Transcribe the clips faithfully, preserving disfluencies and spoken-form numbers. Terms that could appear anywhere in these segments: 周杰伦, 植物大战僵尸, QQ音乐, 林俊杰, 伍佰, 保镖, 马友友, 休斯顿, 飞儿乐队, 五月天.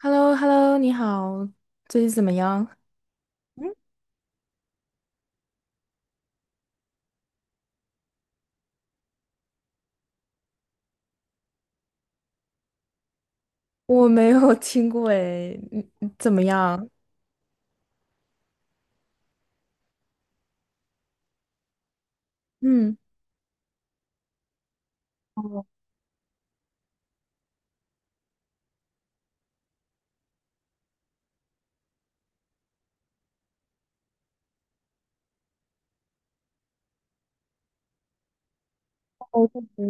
h e l l o h e l l o 你好，最近怎么样？我没有听过诶，嗯，怎么样？嗯，哦，我确实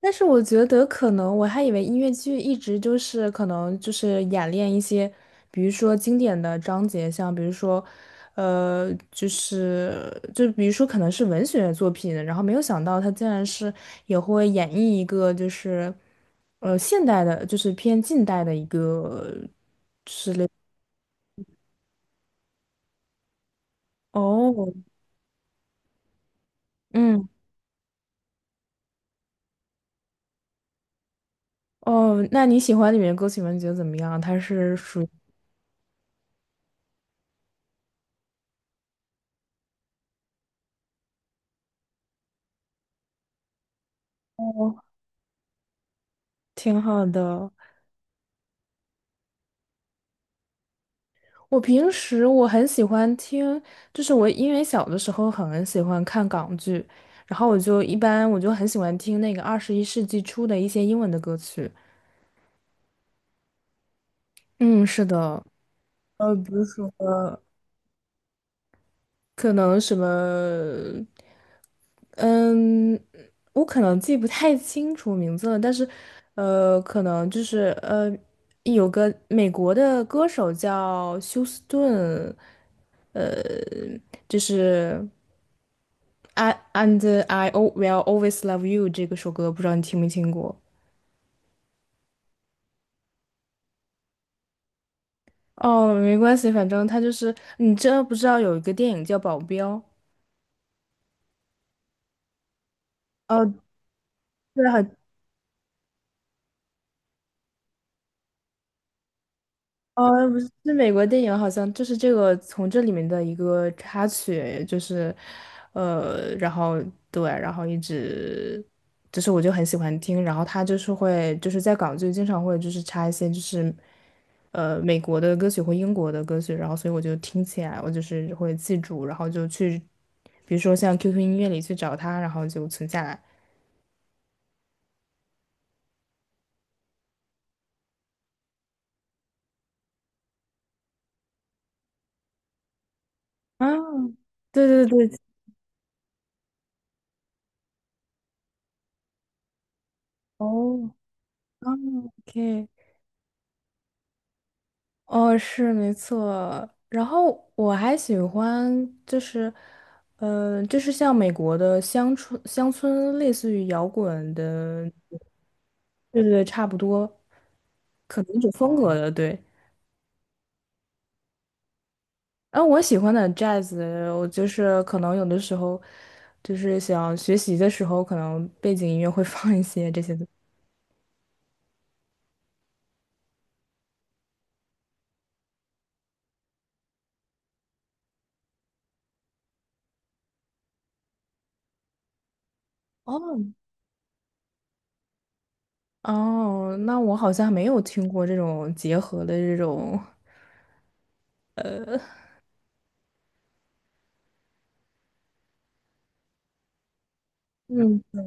但是我觉得可能我还以为音乐剧一直就是可能就是演练一些，比如说经典的章节，像比如说，呃，就是就比如说可能是文学作品，然后没有想到它竟然是也会演绎一个就是，呃，现代的，就是偏近代的一个，哦，嗯。哦，那你喜欢里面的歌曲吗？你觉得怎么样？它是属于哦，挺好的。我平时我很喜欢听，就是我因为小的时候很喜欢看港剧，然后我就一般我就很喜欢听那个二十一世纪初的一些英文的歌曲。嗯，是的，呃，比如说可能什么。嗯，我可能记不太清楚名字了，但是，呃，可能就是呃，有个美国的歌手叫休斯顿，就是 I and I al- will always love you 这个首歌，不知道你听没听过？哦，没关系，反正他就是你知道不知道有一个电影叫《保镖》？哦，对，很哦，不是，是美国电影好像就是这个从这里面的一个插曲，就是，呃，然后对，然后一直，就是我就很喜欢听，然后他就是会就是在港剧经常会就是插一些就是呃美国的歌曲或英国的歌曲，然后所以我就听起来我就是会记住，然后就去，比如说像 Q Q 音乐里去找它，然后就存下来。啊，对对对，哦，啊，OK。哦，是没错。然后我还喜欢，就是，嗯、呃，就是像美国的乡村乡村，类似于摇滚的，对对，差不多，可能一种风格的，对。然后我喜欢的 jazz，我就是可能有的时候，就是想学习的时候，可能背景音乐会 放一些这些的。哦哦，那我好像没有听过这种结合的这种，嗯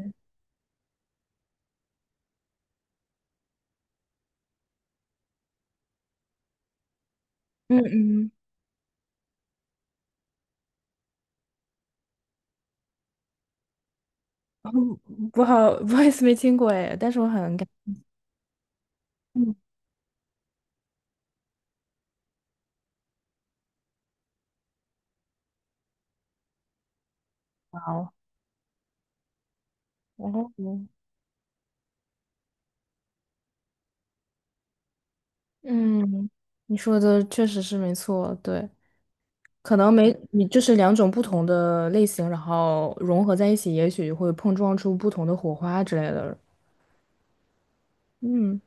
嗯嗯。不好，不好意思，没听过哎，但是我很感嗯，好，然后呢嗯，嗯你说的确实是没错，对，可能没你就是两种不同的类型，然后融合在一起，也许会碰撞出不同的火花之类的。嗯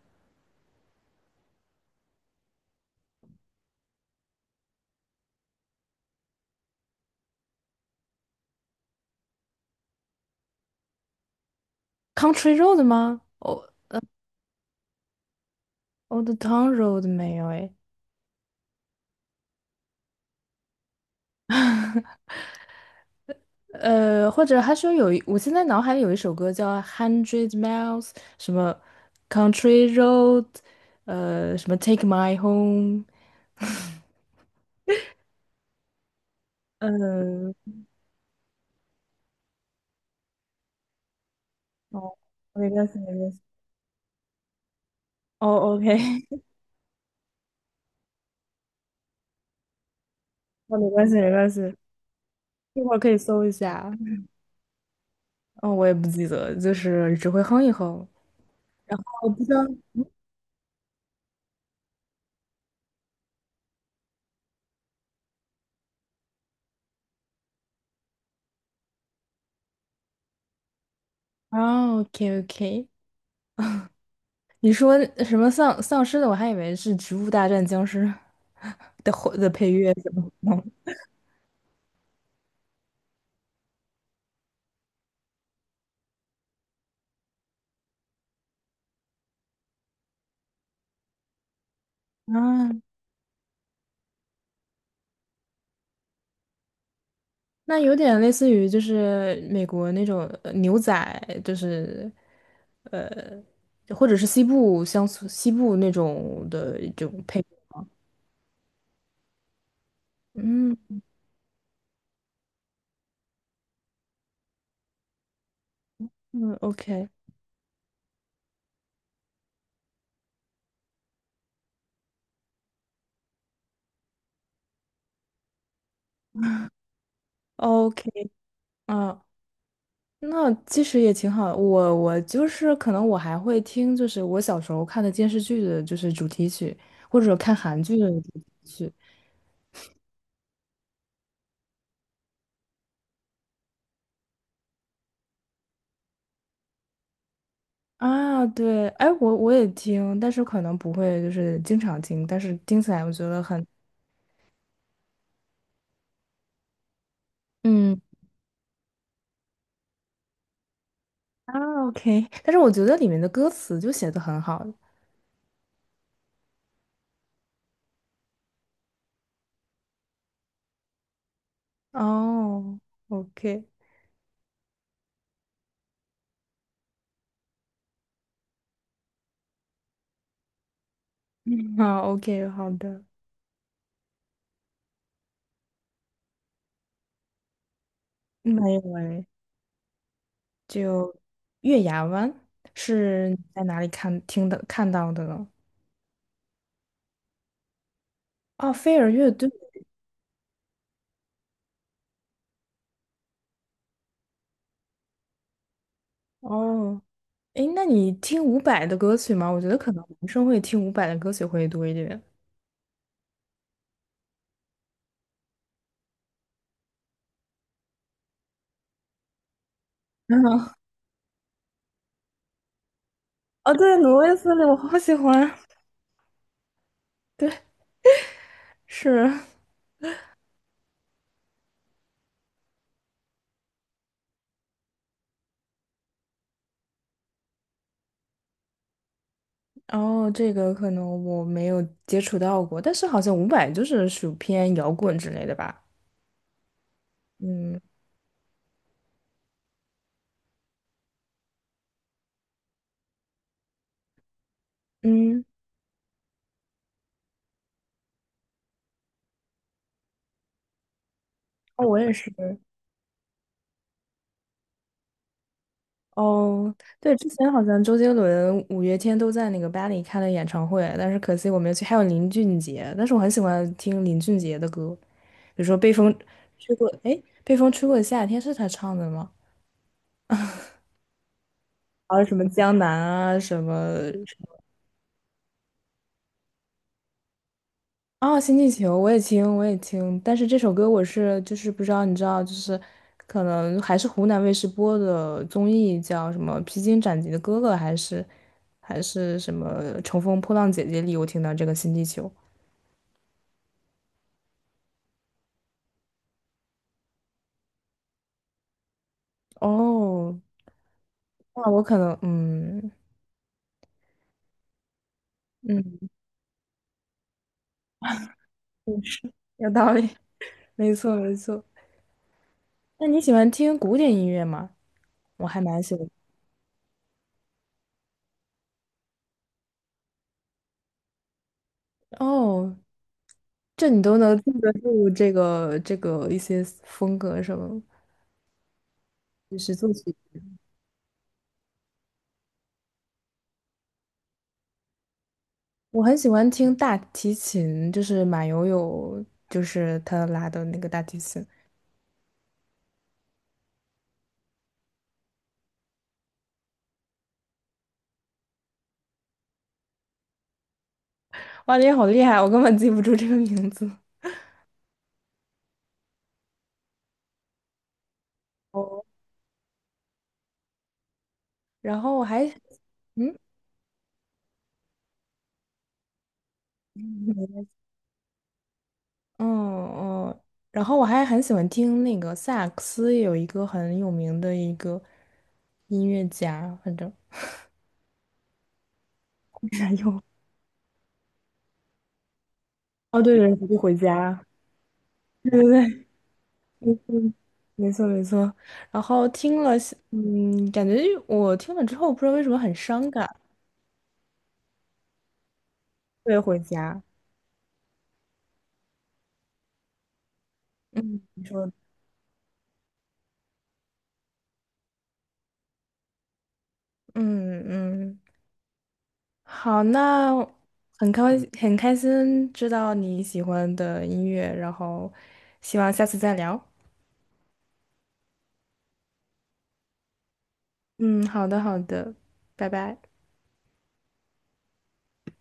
，Country Road 吗？Old Old Town Road 没有哎，呃，或者还说有一，我现在脑海里有一首歌叫《Hundred Miles》，什么 Country Road，呃，什么 Take My Home。嗯哦，没关系，没关系。哦，OK，哦，没关系，没关系，一会儿可以搜一下。哦，我也不记得，就是只会哼一哼。我不知道。哦，OK OK，你说什么丧丧尸的？我还以为是《植物大战僵尸 <laughs>》的后的配乐什么的。啊，那有点类似于就是美国那种呃牛仔，就是或者是西部乡村西部那种的一种配乐。嗯嗯，OK OK，啊。那其实也挺好的。我我就是可能我还会听，就是我小时候看的电视剧的，就是主题曲，或者看韩剧的主题曲啊。对，哎，我我也听，但是可能不会就是经常听，但是听起来我觉得很嗯啊 OK，但是我觉得里面的歌词就写的很好。哦，OK，嗯，好，OK，好的，没有哎，就月牙湾是在哪里看听的看到的呢？哦，飞儿乐队哦，诶，那你听伍佰的歌曲吗？我觉得可能男生会听伍佰的歌曲会多一点。嗯，哦，对，挪威森林我好喜欢，是。哦，这个可能我没有接触到过，但是好像伍佰就是属偏摇滚之类的吧。嗯嗯，哦，我也是。哦，对，之前好像周杰伦、五月天都在那个巴黎开了演唱会，但是可惜我没有去。还有林俊杰，但是我很喜欢听林俊杰的歌。比如说被风吹过，哎，被风吹过的夏天是他唱的吗？还有什么江南啊，什么啊，新地球我也听，我也听，但是这首歌我是就是不知道，你知道，就是可能还是湖南卫视播的综艺，叫什么《披荆斩棘的哥哥》，还是还是什么《乘风破浪姐姐》里，我听到这个新地球。哦，那我可能，嗯嗯，有道理，没错没错。那你喜欢听古典音乐吗？我还蛮喜欢。哦，这你都能记得住这个这个一些风格什么，就是作曲。我很喜欢听大提琴，就是马友友，就是他拉的那个大提琴。哇，你好厉害，我根本记不住这个名字。哦，然后我还嗯 嗯哦，然后我还很喜欢听那个萨克斯，有一个很有名的一个音乐家，反正 有哦，对对，回家。对对对，没错没错。然后听了，嗯，感觉我听了之后，不知道为什么很伤感，对，回家。嗯，你说，嗯嗯，好，那很开很开心知道你喜欢的音乐，然后希望下次再聊。嗯，好的好的，拜拜。